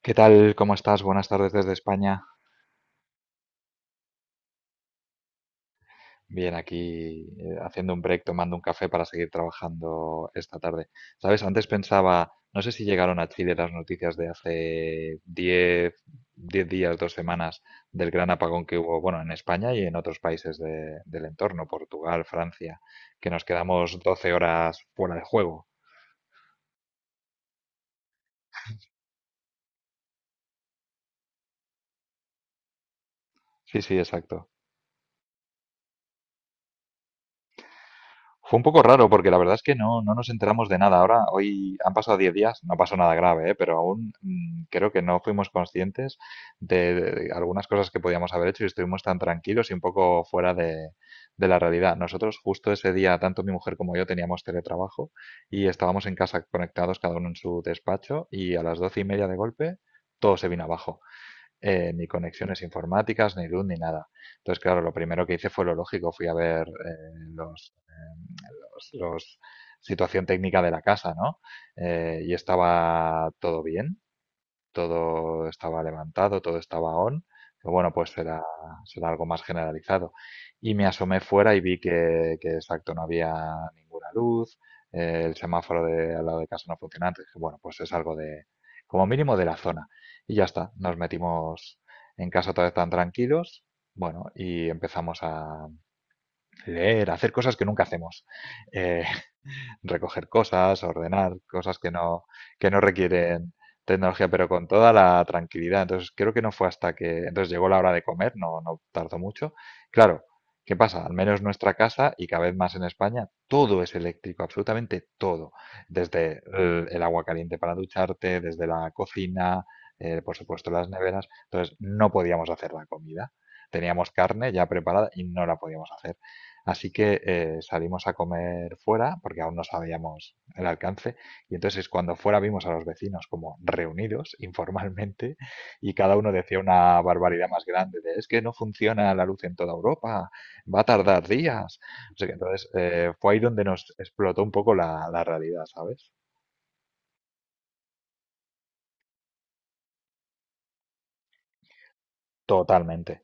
¿Qué tal? ¿Cómo estás? Buenas tardes desde España. Bien, aquí haciendo un break, tomando un café para seguir trabajando esta tarde. ¿Sabes? Antes pensaba, no sé si llegaron a Chile las noticias de hace 10 10 días, dos semanas, del gran apagón que hubo, bueno, en España y en otros países del entorno, Portugal, Francia, que nos quedamos 12 horas fuera de juego. Sí, sí, exacto. Fue un poco raro porque la verdad es que no nos enteramos de nada. Ahora, hoy han pasado 10 días, no pasó nada grave, ¿eh? Pero aún creo que no fuimos conscientes de algunas cosas que podíamos haber hecho y estuvimos tan tranquilos y un poco fuera de la realidad. Nosotros justo ese día, tanto mi mujer como yo teníamos teletrabajo y estábamos en casa conectados cada uno en su despacho y a las doce y media de golpe todo se vino abajo, ni conexiones informáticas, ni luz, ni nada. Entonces, claro, lo primero que hice fue lo lógico, fui a ver los situación técnica de la casa, ¿no? Y estaba todo bien, todo estaba levantado, todo estaba on, pero bueno, pues será algo más generalizado. Y me asomé fuera y vi que exacto, no había ninguna luz, el semáforo de, al lado de casa no funcionaba, entonces dije, bueno, pues es algo de, como mínimo de la zona. Y ya está, nos metimos en casa otra vez tan tranquilos, bueno, y empezamos a leer, a hacer cosas que nunca hacemos. Eh, Recoger cosas, ordenar cosas que no requieren tecnología, pero con toda la tranquilidad. Entonces, creo que no fue hasta que, entonces llegó la hora de comer, no tardó mucho. Claro, ¿qué pasa? Al menos nuestra casa y cada vez más en España, todo es eléctrico, absolutamente todo. Desde el agua caliente para ducharte, desde la cocina, por supuesto las neveras. Entonces, no podíamos hacer la comida. Teníamos carne ya preparada y no la podíamos hacer. Así que salimos a comer fuera porque aún no sabíamos el alcance y entonces cuando fuera vimos a los vecinos como reunidos informalmente y cada uno decía una barbaridad más grande de es que no funciona la luz en toda Europa, va a tardar días. O sea que entonces fue ahí donde nos explotó un poco la realidad, ¿sabes? Totalmente.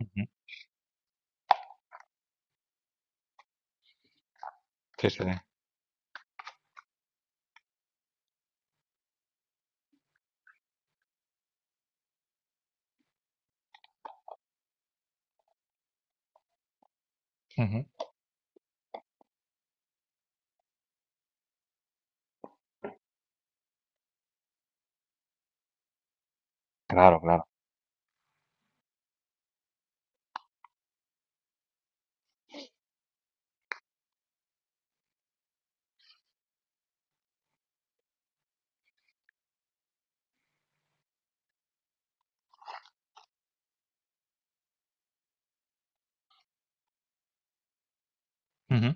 Ujú. Sí, sí. Ujú, claro, claro. Ujú.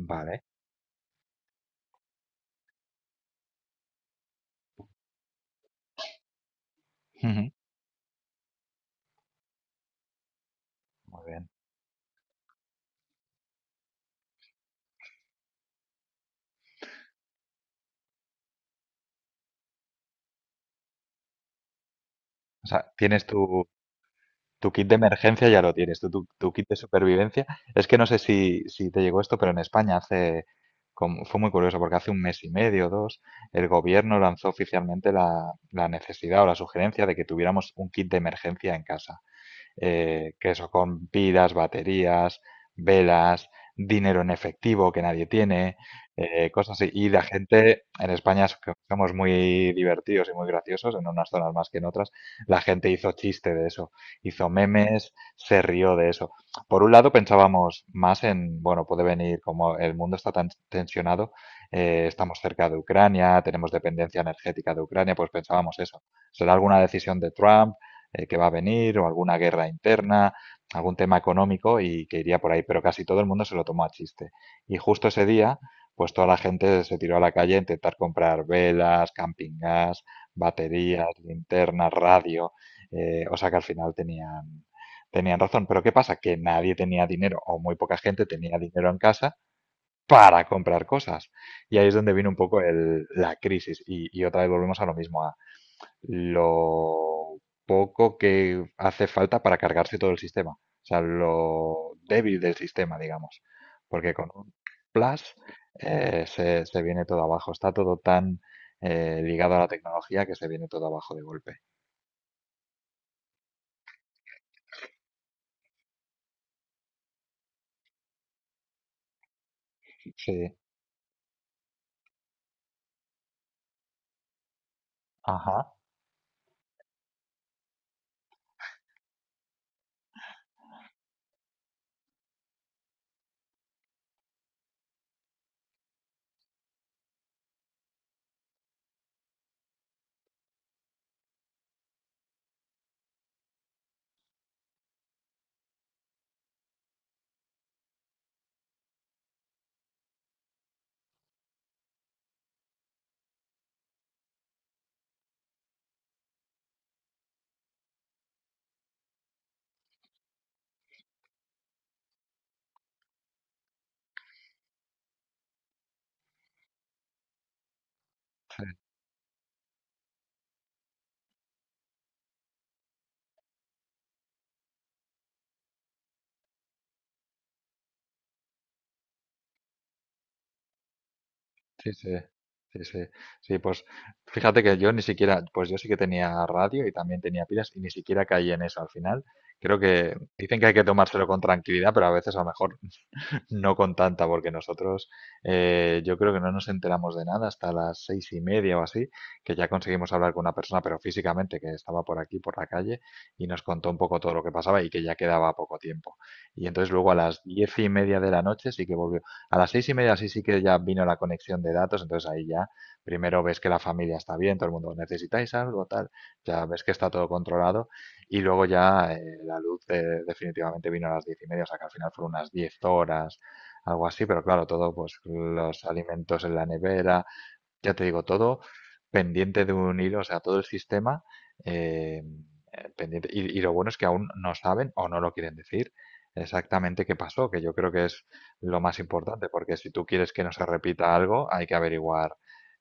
Vale. Ujú. Muy bien. O sea, tienes tu, tu kit de emergencia ya lo tienes, tu kit de supervivencia. Es que no sé si, si te llegó esto, pero en España hace, fue muy curioso porque hace un mes y medio, dos, el gobierno lanzó oficialmente la necesidad o la sugerencia de que tuviéramos un kit de emergencia en casa, que eso con pilas, baterías, velas, dinero en efectivo que nadie tiene, cosas así. Y la gente en España es que somos muy divertidos y muy graciosos, en unas zonas más que en otras. La gente hizo chiste de eso, hizo memes, se rió de eso. Por un lado pensábamos más en, bueno, puede venir como el mundo está tan tensionado, estamos cerca de Ucrania, tenemos dependencia energética de Ucrania, pues pensábamos eso. ¿Será alguna decisión de Trump? Que va a venir o alguna guerra interna, algún tema económico y que iría por ahí, pero casi todo el mundo se lo tomó a chiste. Y justo ese día, pues toda la gente se tiró a la calle a intentar comprar velas, camping gas, baterías, linternas, radio, o sea que al final tenían razón. Pero ¿qué pasa? Que nadie tenía dinero o muy poca gente tenía dinero en casa para comprar cosas. Y ahí es donde vino un poco la crisis. Y otra vez volvemos a lo mismo, a, lo poco que hace falta para cargarse todo el sistema, o sea, lo débil del sistema, digamos, porque con un plus se viene todo abajo, está todo tan ligado a la tecnología que se viene todo abajo de golpe. Sí, ajá, sí, sí, sí, sí, sí, pues fíjate que yo ni siquiera, pues yo sí que tenía radio y también tenía pilas y ni siquiera caí en eso al final. Creo que dicen que hay que tomárselo con tranquilidad, pero a veces a lo mejor no con tanta, porque nosotros yo creo que no nos enteramos de nada hasta las seis y media o así, que ya conseguimos hablar con una persona, pero físicamente, que estaba por aquí, por la calle, y nos contó un poco todo lo que pasaba y que ya quedaba poco tiempo. Y entonces luego a las diez y media de la noche sí que volvió. A las seis y media sí, sí que ya vino la conexión de datos, entonces ahí ya primero ves que la familia está bien, todo el mundo necesitáis algo, tal, ya ves que está todo controlado y luego ya la luz definitivamente vino a las diez y media, o sea que al final fueron unas diez horas algo así, pero claro, todo, pues los alimentos en la nevera, ya te digo, todo pendiente de un hilo, o sea, todo el sistema eh, pendiente. Y lo bueno es que aún no saben o no lo quieren decir exactamente qué pasó, que yo creo que es lo más importante, porque si tú quieres que no se repita algo, hay que averiguar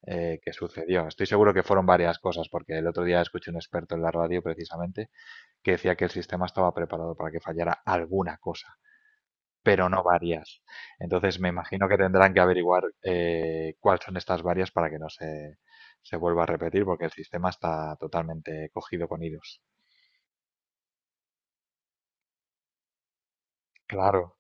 qué sucedió. Estoy seguro que fueron varias cosas, porque el otro día escuché un experto en la radio precisamente que decía que el sistema estaba preparado para que fallara alguna cosa pero no varias. Entonces me imagino que tendrán que averiguar cuáles son estas varias para que no se, se vuelva a repetir, porque el sistema está totalmente cogido con hilos. Claro,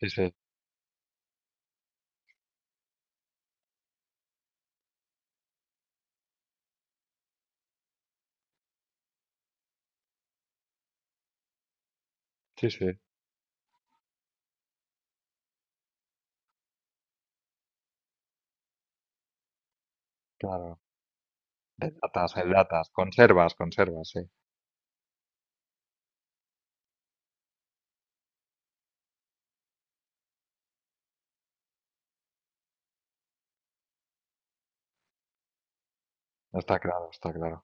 sí, sí, sí, sí, claro. De datas, el datas, conservas, conservas, sí. No está claro, está claro.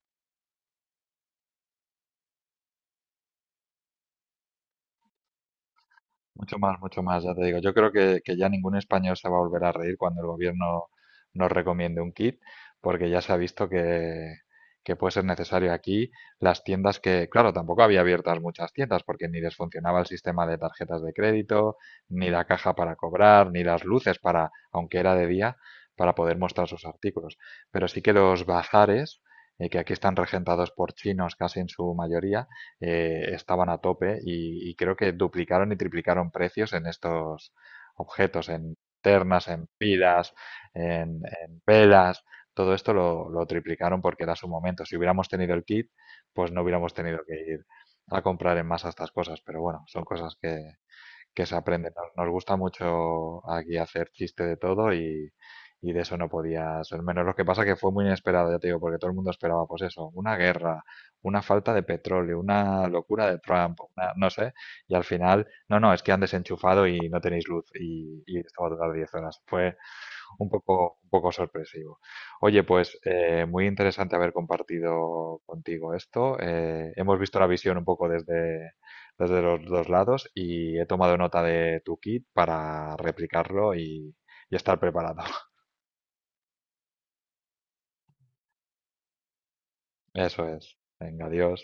Mucho más, ya te digo. Yo creo que ya ningún español se va a volver a reír cuando el gobierno nos recomiende un kit, porque ya se ha visto que puede ser necesario aquí. Las tiendas que, claro, tampoco había abiertas muchas tiendas, porque ni les funcionaba el sistema de tarjetas de crédito, ni la caja para cobrar, ni las luces para, aunque era de día, para poder mostrar sus artículos. Pero sí que los bazares, que aquí están regentados por chinos casi en su mayoría, estaban a tope y creo que duplicaron y triplicaron precios en estos objetos, en ternas, en pilas, en velas. Todo esto lo triplicaron porque era su momento. Si hubiéramos tenido el kit, pues no hubiéramos tenido que ir a comprar en masa estas cosas. Pero bueno, son cosas que se aprende. Nos, nos gusta mucho aquí hacer chiste de todo y de eso no podía ser menos. Lo que pasa que fue muy inesperado, ya te digo, porque todo el mundo esperaba, pues eso, una guerra, una falta de petróleo, una locura de Trump, no sé, y al final, no, es que han desenchufado y no tenéis luz y esto va a durar 10 horas. Fue un poco sorpresivo. Oye, pues muy interesante haber compartido contigo esto. Hemos visto la visión un poco desde, desde los dos lados y he tomado nota de tu kit para replicarlo y estar preparado. Eso es. Venga, adiós.